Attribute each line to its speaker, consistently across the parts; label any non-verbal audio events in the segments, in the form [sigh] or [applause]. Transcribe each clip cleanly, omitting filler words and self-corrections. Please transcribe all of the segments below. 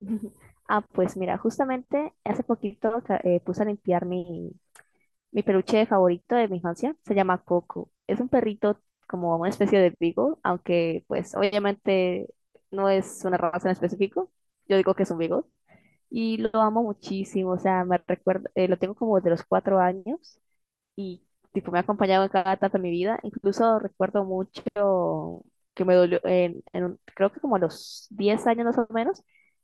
Speaker 1: [laughs] Ah, pues mira, justamente hace poquito puse a limpiar mi peluche favorito de mi infancia. Se llama Coco. Es un perrito como una especie de beagle, aunque pues obviamente no es una raza en específico. Yo digo que es un beagle. Y lo amo muchísimo, o sea, me recuerda, lo tengo como de los 4 años y tipo, me ha acompañado en cada etapa de mi vida. Incluso recuerdo mucho que me dolió, creo que como a los 10 años más o menos,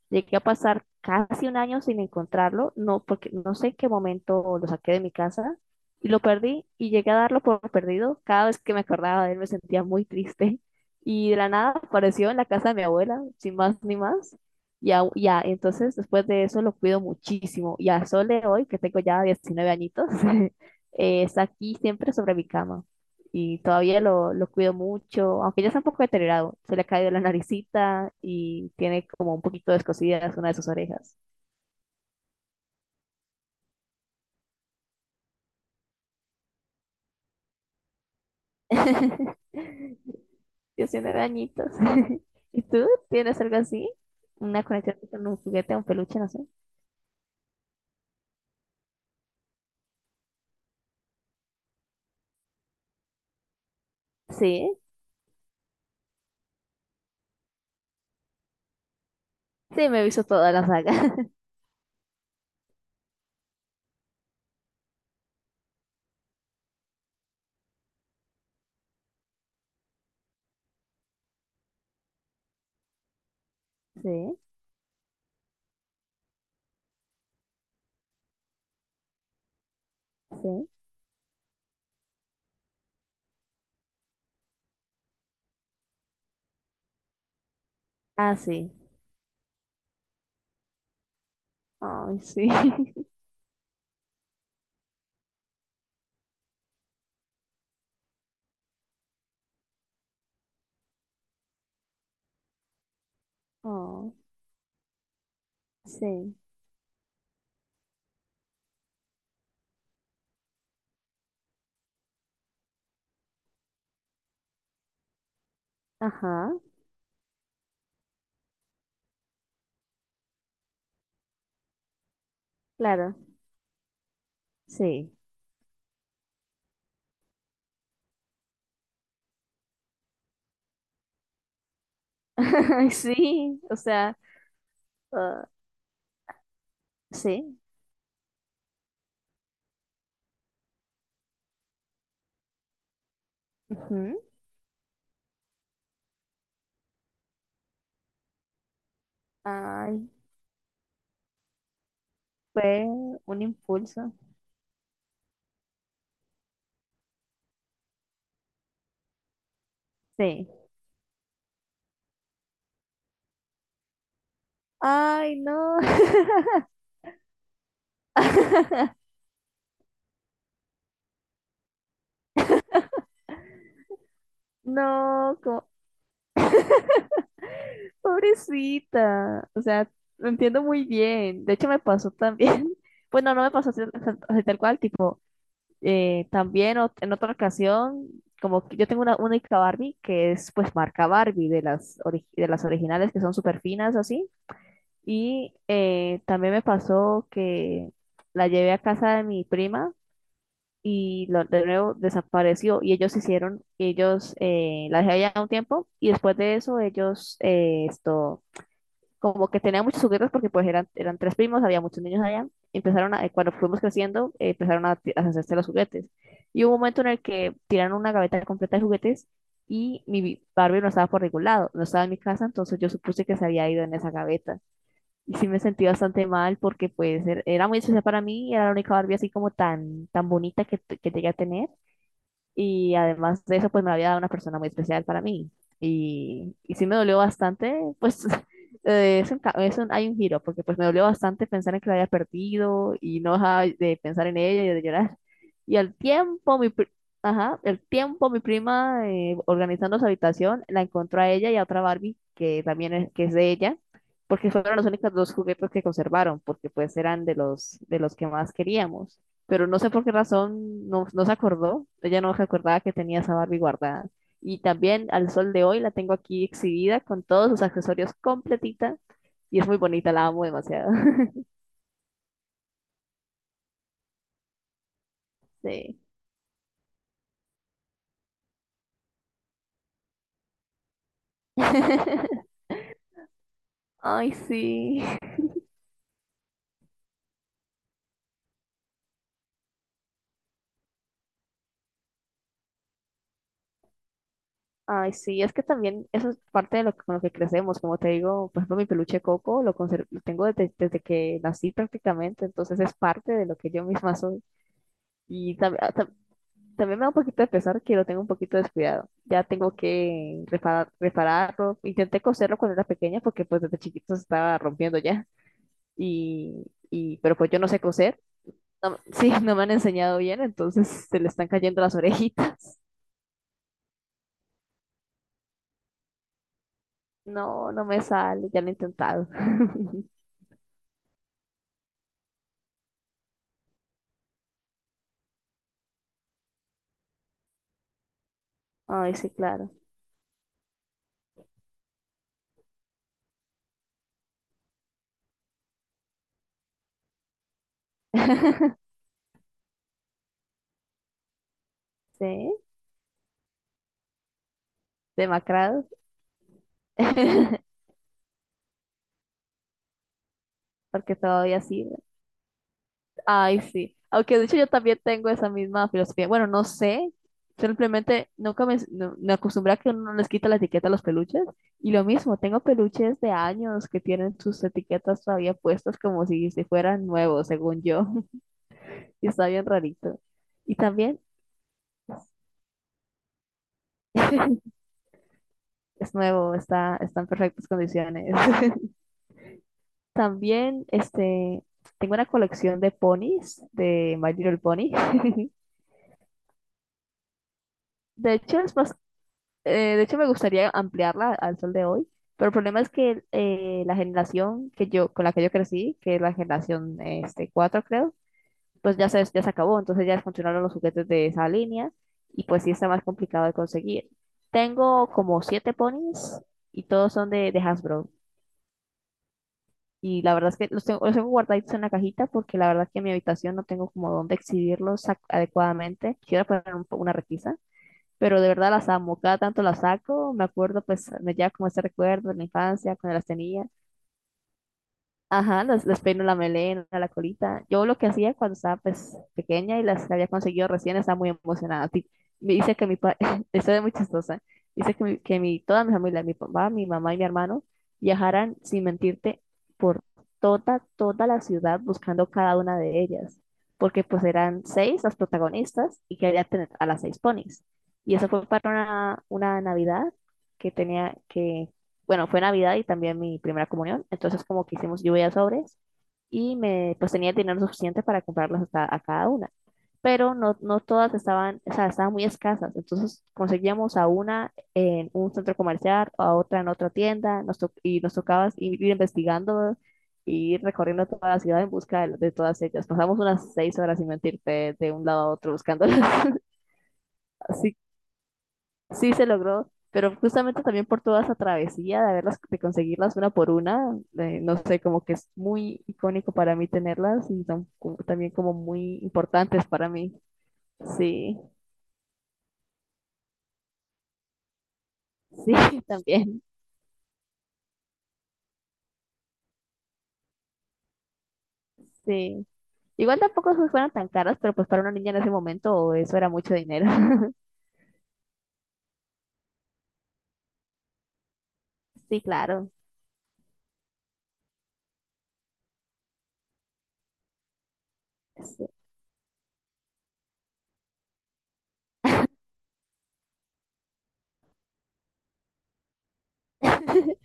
Speaker 1: llegué a pasar casi un año sin encontrarlo, no, porque no sé en qué momento lo saqué de mi casa y lo perdí y llegué a darlo por perdido. Cada vez que me acordaba de él me sentía muy triste [laughs] y de la nada apareció en la casa de mi abuela, sin más ni más. Y ya, ya, entonces después de eso lo cuido muchísimo y a Sole hoy, que tengo ya 19 añitos, [laughs] está aquí siempre sobre mi cama y todavía lo cuido mucho, aunque ya está un poco deteriorado, se le ha caído la naricita y tiene como un poquito descosidas una de sus orejas. [laughs] Yo soy dañitos. [laughs] ¿Y tú tienes algo así? ¿Una conexión con un juguete un peluche, no sé? Sí, sí, me he visto toda la saga. [laughs] Sí, sí. Ah, sí. Ay, sí. [laughs] Oh, sí. Ajá, claro. Sí. [laughs] Ay, sí. O sea. Ah, sí. Ujú. Ay, fue un impulso. Sí. Ay, no. [laughs] [laughs] No, como, pobrecita. O sea, lo entiendo muy bien. De hecho, me pasó también. [laughs] Bueno, no me pasó así, así tal cual, tipo, también en otra ocasión, como que yo tengo una única Barbie, que es pues marca Barbie, de las originales que son súper finas, así. Y también me pasó que la llevé a casa de mi prima y de nuevo desapareció. Y ellos hicieron, ellos la dejé allá un tiempo y después de eso como que tenían muchos juguetes porque pues eran tres primos, había muchos niños allá. Cuando fuimos creciendo, empezaron a hacerse los juguetes. Y hubo un momento en el que tiraron una gaveta completa de juguetes y mi Barbie no estaba por ningún lado, no estaba en mi casa, entonces yo supuse que se había ido en esa gaveta. Y sí me sentí bastante mal porque pues era muy especial para mí, era la única Barbie así como tan, tan bonita que llegué a tener. Y además de eso, pues me había dado una persona muy especial para mí. Y sí me dolió bastante, pues [laughs] es un, ca- es un- hay un giro, porque pues me dolió bastante pensar en que la había perdido y no dejaba de pensar en ella y de llorar. Y al tiempo, ajá, el tiempo, mi prima organizando su habitación, la encontró a ella y a otra Barbie, que también es, que es de ella, porque fueron los únicos dos juguetes que conservaron, porque pues eran de los que más queríamos pero no sé por qué razón no se acordó. Ella no recordaba que tenía esa Barbie guardada. Y también al sol de hoy la tengo aquí exhibida con todos sus accesorios completita y es muy bonita, la amo demasiado. [laughs] Sí. [laughs] Ay, sí. Ay, sí. Es que también eso es parte de lo que, con lo que crecemos. Como te digo, por ejemplo, mi peluche Coco lo tengo desde que nací prácticamente, entonces es parte de lo que yo misma soy. Y tam- ah, tam- también me da un poquito de pesar que lo tengo un poquito descuidado. Ya tengo que repararlo. Intenté coserlo cuando era pequeña porque pues desde chiquito se estaba rompiendo ya. Y pero pues yo no sé coser. [laughs] Sí, no me han enseñado bien, entonces se le están cayendo las orejitas. [laughs] No, no me sale, ya lo he intentado. [laughs] Ay, sí, claro. [laughs] Sí, demacrado. [laughs] Porque todavía sí. Ay, sí. Aunque de hecho yo también tengo esa misma filosofía. Bueno, no sé. Simplemente nunca me, no- me acostumbré a que uno no les quita la etiqueta a los peluches. Y lo mismo, tengo peluches de años que tienen sus etiquetas todavía puestas como si fueran nuevos, según yo. [laughs] Y está bien rarito. Y también [laughs] es nuevo, está en perfectas condiciones. [laughs] También este, tengo una colección de ponis, de My Little Pony. [laughs] De hecho, es más, de hecho, me gustaría ampliarla al sol de hoy, pero el problema es que la generación con la que yo crecí, que es la generación 4 creo, pues ya se acabó, entonces ya funcionaron los juguetes de esa línea y pues sí está más complicado de conseguir. Tengo como siete ponis y todos son de Hasbro. Y la verdad es que los tengo guardaditos en la cajita porque la verdad es que en mi habitación no tengo como dónde exhibirlos adecuadamente. Quiero poner una repisa pero de verdad las amo, cada tanto las saco, me acuerdo pues me lleva como ese recuerdo de la infancia, cuando las tenía, ajá, las peino la melena, la colita. Yo lo que hacía cuando estaba pues pequeña y las había conseguido recién, estaba muy emocionada. Me dice que mi papá, [laughs] esto es muy chistosa, dice que mi, toda mi familia, mi papá, mi mamá y mi hermano, viajaran, sin mentirte, por toda, toda la ciudad buscando cada una de ellas, porque pues eran seis las protagonistas y quería tener a las seis ponis y eso fue para una Navidad que tenía, que bueno, fue Navidad y también mi primera comunión, entonces como que hicimos lluvia de sobres y pues tenía el dinero suficiente para comprarlas hasta a cada una, pero no todas estaban, o sea, estaban muy escasas, entonces conseguíamos a una en un centro comercial, a otra en otra tienda, y nos tocaba ir investigando y ir recorriendo toda la ciudad en busca de todas ellas. Pasamos unas 6 horas, sin mentirte, de un lado a otro buscándolas. [laughs] Sí se logró, pero justamente también por toda esa travesía de haberlas, de conseguirlas una por una, no sé, como que es muy icónico para mí tenerlas y son también como muy importantes para mí. Sí, sí, [laughs] también, sí. Igual tampoco se fueron tan caras, pero pues para una niña en ese momento eso era mucho dinero. [laughs] Sí, claro. Sí. [laughs]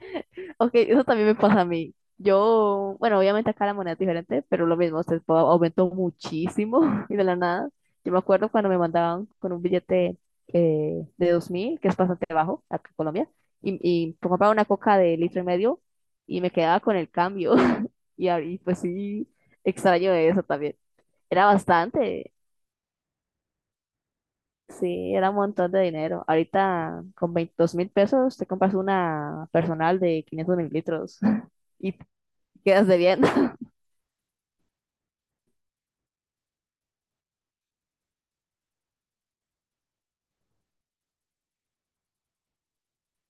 Speaker 1: Ok, eso también me pasa a mí. Yo, bueno, obviamente acá la moneda es diferente, pero lo mismo, aumentó muchísimo [laughs] y de la nada. Yo me acuerdo cuando me mandaban con un billete de 2.000 que es bastante bajo acá en Colombia, y por comprar una coca de litro y medio y me quedaba con el cambio. [laughs] Y, ahí, pues sí, extraño eso también. Era bastante, sí, era un montón de dinero. Ahorita con 22.000 pesos te compras una personal de 500 mililitros [laughs] y te quedas de bien.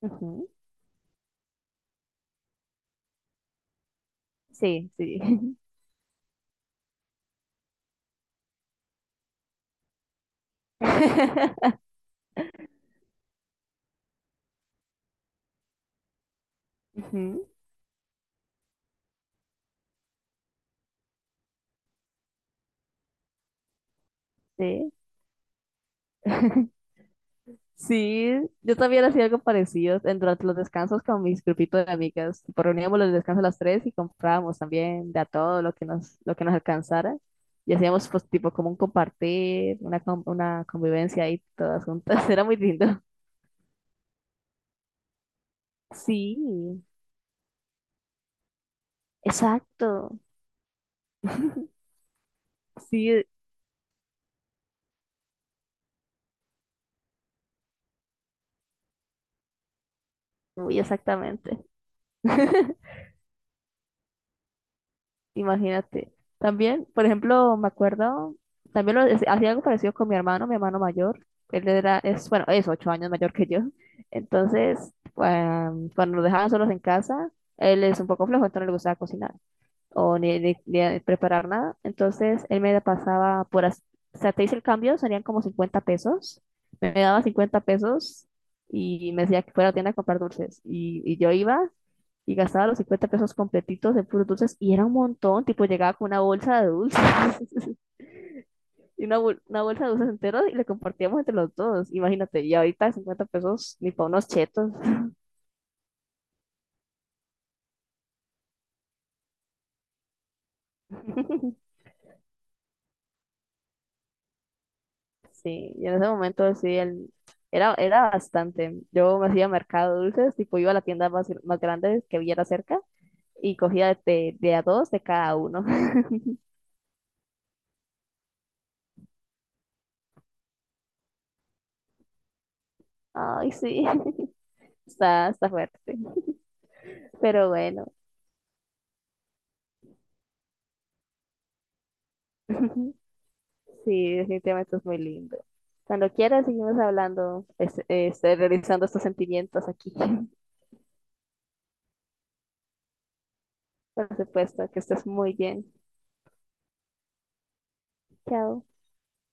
Speaker 1: Ujú, sí, sí. [laughs] Ujú, sí. [laughs] Sí, yo también hacía algo parecido durante los descansos con mis grupitos de amigas. Tipo, reuníamos los descansos a las tres y comprábamos también de a todo lo que nos alcanzara. Y hacíamos pues tipo como un compartir, una convivencia ahí todas juntas. [laughs] Era muy lindo. Sí, exacto. Sí, muy exactamente. [laughs] Imagínate. También, por ejemplo, me acuerdo, también hacía algo parecido con mi hermano mayor. Él era, es, bueno, es 8 años mayor que yo. Entonces, cuando nos dejaban solos en casa, él es un poco flojo, entonces no le gustaba cocinar o ni preparar nada. Entonces él me la pasaba o sea, te hice el cambio, serían como 50 pesos. Me daba 50 pesos y me decía que fuera a la tienda a comprar dulces. Y yo iba y gastaba los 50 pesos completitos de puros dulces y era un montón, tipo llegaba con una bolsa de dulces [laughs] y una bolsa de dulces enteros y le compartíamos entre los dos. Imagínate, y ahorita 50 pesos ni para unos chetos. [laughs] Sí, y en ese momento sí, era bastante. Yo me hacía mercado de dulces, tipo iba a la tienda más grande que viera cerca y cogía de a dos de cada uno. [laughs] Ay, sí, [laughs] está fuerte. Pero bueno, [laughs] sí, definitivamente es muy lindo. Cuando quieras, seguimos hablando, realizando estos sentimientos aquí. [laughs] Por supuesto, que estés muy bien. Chao.